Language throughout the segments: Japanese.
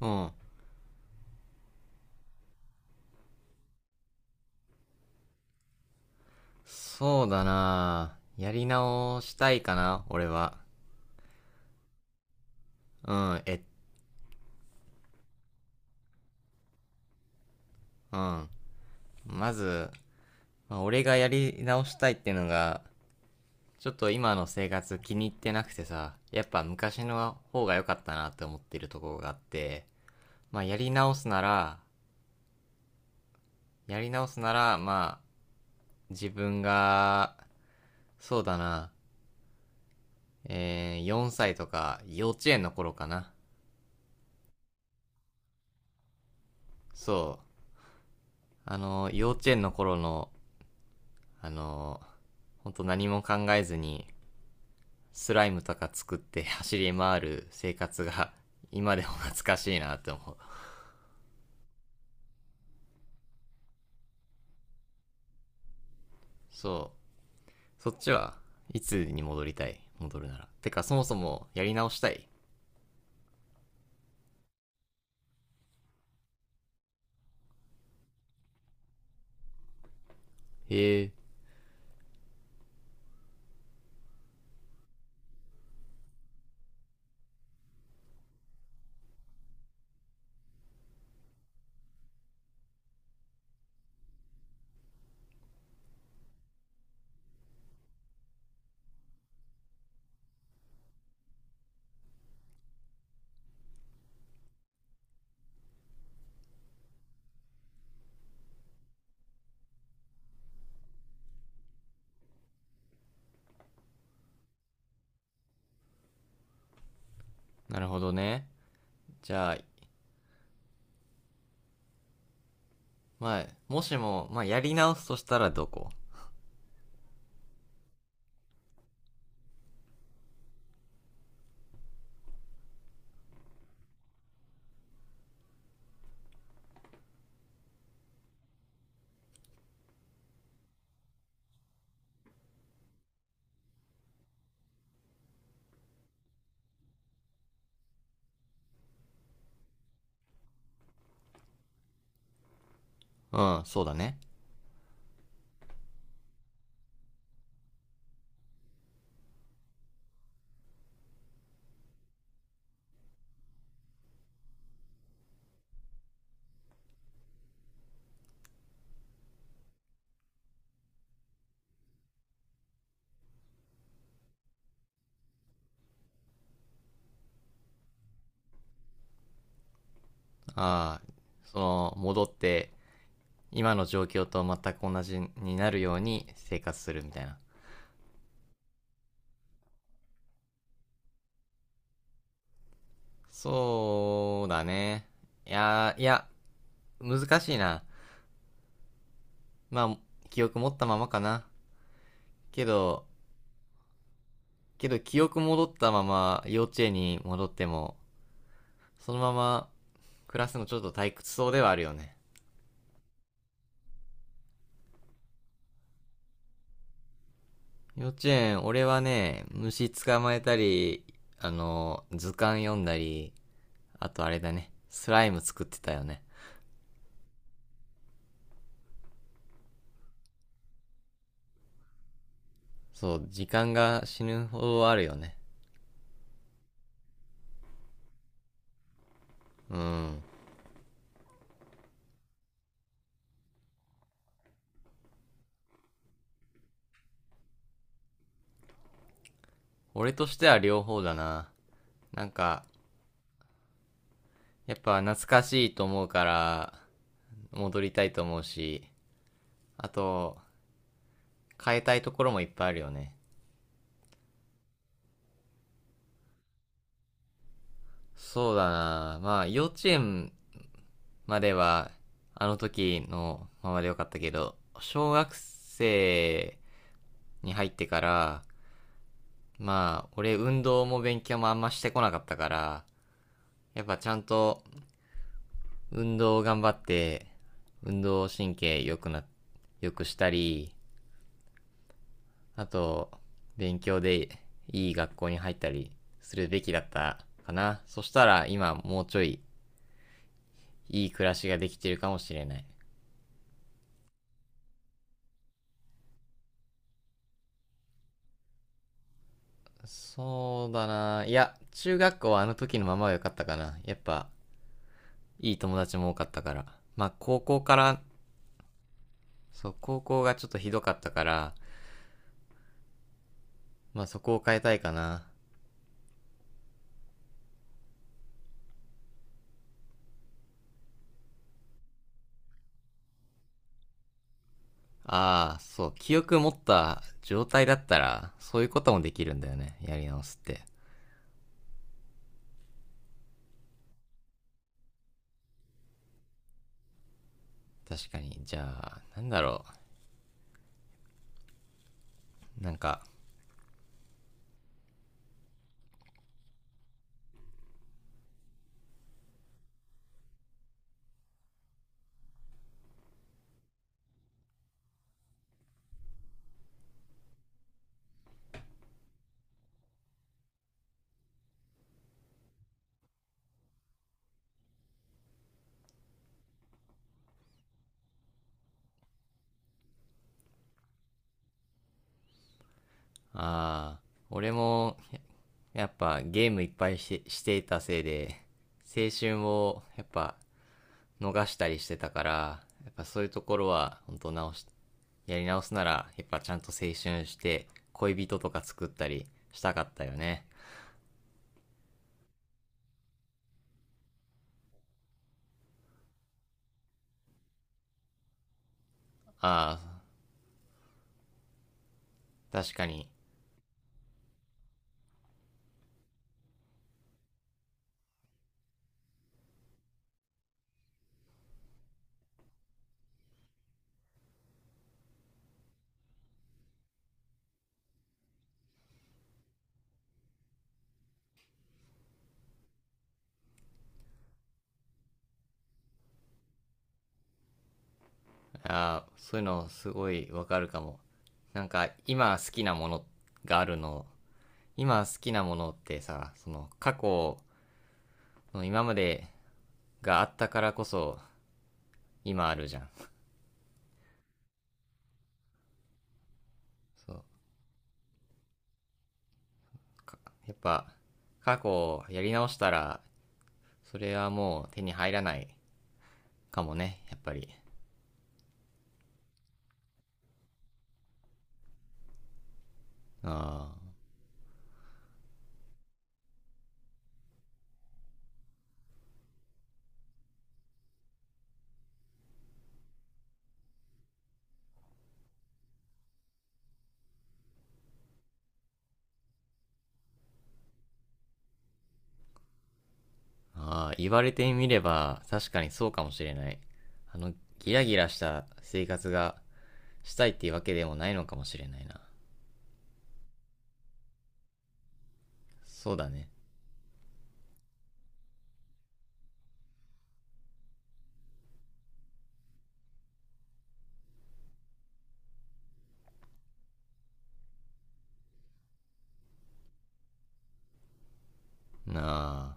うん。そうだな、やり直したいかな、俺は。うん、え、うん。まず、まあ俺がやり直したいってのが、ちょっと今の生活気に入ってなくてさ、やっぱ昔の方が良かったなって思ってるところがあって、まあやり直すなら、やり直すなら、まあ、自分が、そうだな、4歳とか幼稚園の頃かな。そう。あの、幼稚園の頃のあのー、本当何も考えずに、スライムとか作って走り回る生活が、今でも懐かしいなって思う。そう。そっちはいつに戻りたい、戻るなら。てか、そもそもやり直したい、へえ、なるほどね。じゃあ、まあ、もしも、まあ、やり直すとしたらどこ？うん、そうだね。ああ、その、戻って、今の状況と全く同じになるように生活するみたいな。そうだね。いやー、いや、難しいな。まあ、記憶持ったままかな。けど、けど記憶戻ったまま幼稚園に戻っても、そのまま暮らすのちょっと退屈そうではあるよね。幼稚園、俺はね、虫捕まえたり、あの、図鑑読んだり、あとあれだね、スライム作ってたよね。そう、時間が死ぬほどあるよね。うん。俺としては両方だな。なんか、やっぱ懐かしいと思うから、戻りたいと思うし、あと、変えたいところもいっぱいあるよね。そうだな、まあ、幼稚園までは、あの時のままでよかったけど、小学生に入ってから、まあ、俺運動も勉強もあんましてこなかったから、やっぱちゃんと運動を頑張って、運動神経良くな、良くしたり、あと、勉強でいい学校に入ったりするべきだったかな。そしたら今もうちょいいい暮らしができてるかもしれない。そうだな。いや、中学校はあの時のままは良かったかな。やっぱ、いい友達も多かったから。まあ、高校から、そう、高校がちょっとひどかったから、まあ、そこを変えたいかな。ああ、そう、記憶持った状態だったら、そういうこともできるんだよね、やり直すって。確かに。じゃあ、なんだろう。なんか、ああ、俺も、やっぱゲームいっぱいして、していたせいで、青春をやっぱ逃したりしてたから、やっぱそういうところは、本当直し、やり直すなら、やっぱちゃんと青春して、恋人とか作ったりしたかったよね。ああ、確かに。ああ、そういうのすごいわかるかも。なんか、今好きなものがあるの、今好きなものってさ、その過去の今までがあったからこそ今あるじゃん。そう。やっぱ、過去をやり直したら、それはもう手に入らないかもね、やっぱり。あーあ、言われてみれば確かにそうかもしれない。あの、ギラギラした生活がしたいっていうわけでもないのかもしれないな。そうだね。なあ、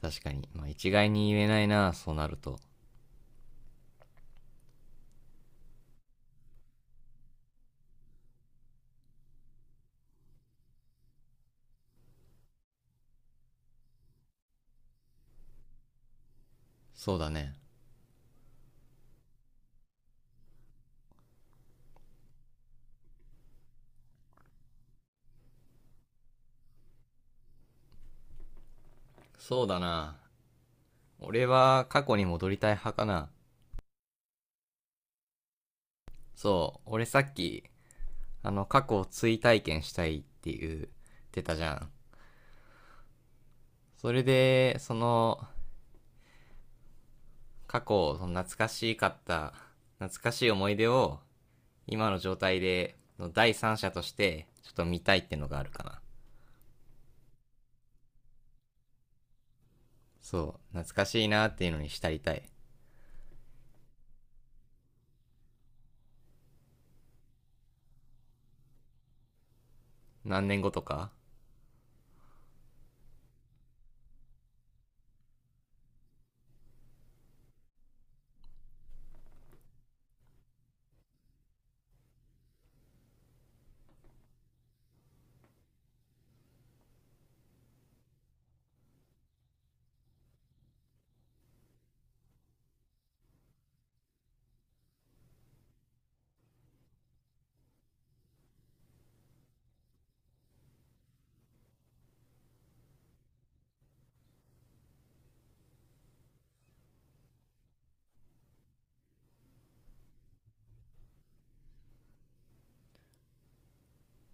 確かに。まあ一概に言えないな、そうなると。そうだね。そうだな。俺は過去に戻りたい派かな。そう、俺さっきあの、過去を追体験したいって言ってたじゃん。それで、その、過去、その懐かしかった、懐かしい思い出を、今の状態で、の第三者として、ちょっと見たいってのがあるかな。そう、懐かしいなっていうのに浸りたい。何年後とか？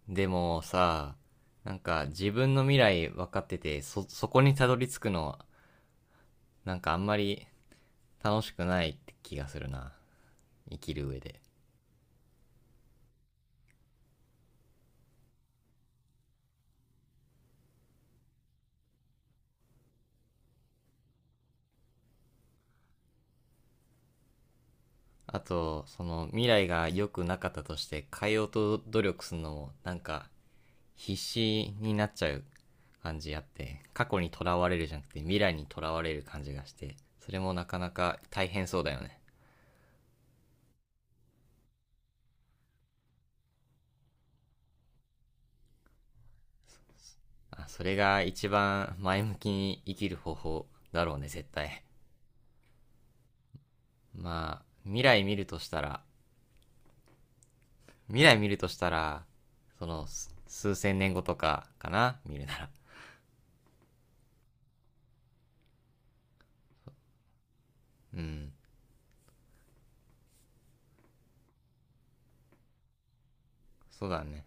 でもさ、なんか自分の未来分かってて、そ、そこにたどり着くのは、なんかあんまり楽しくないって気がするな。生きる上で。あと、その未来が良くなかったとして変えようと努力するのもなんか必死になっちゃう感じあって、過去にとらわれるじゃなくて未来にとらわれる感じがして、それもなかなか大変そうだよね。あ、それが一番前向きに生きる方法だろうね、絶対。まあ、未来見るとしたら、未来見るとしたら、その、数千年後とかかな、見るなら。うん、そうだね。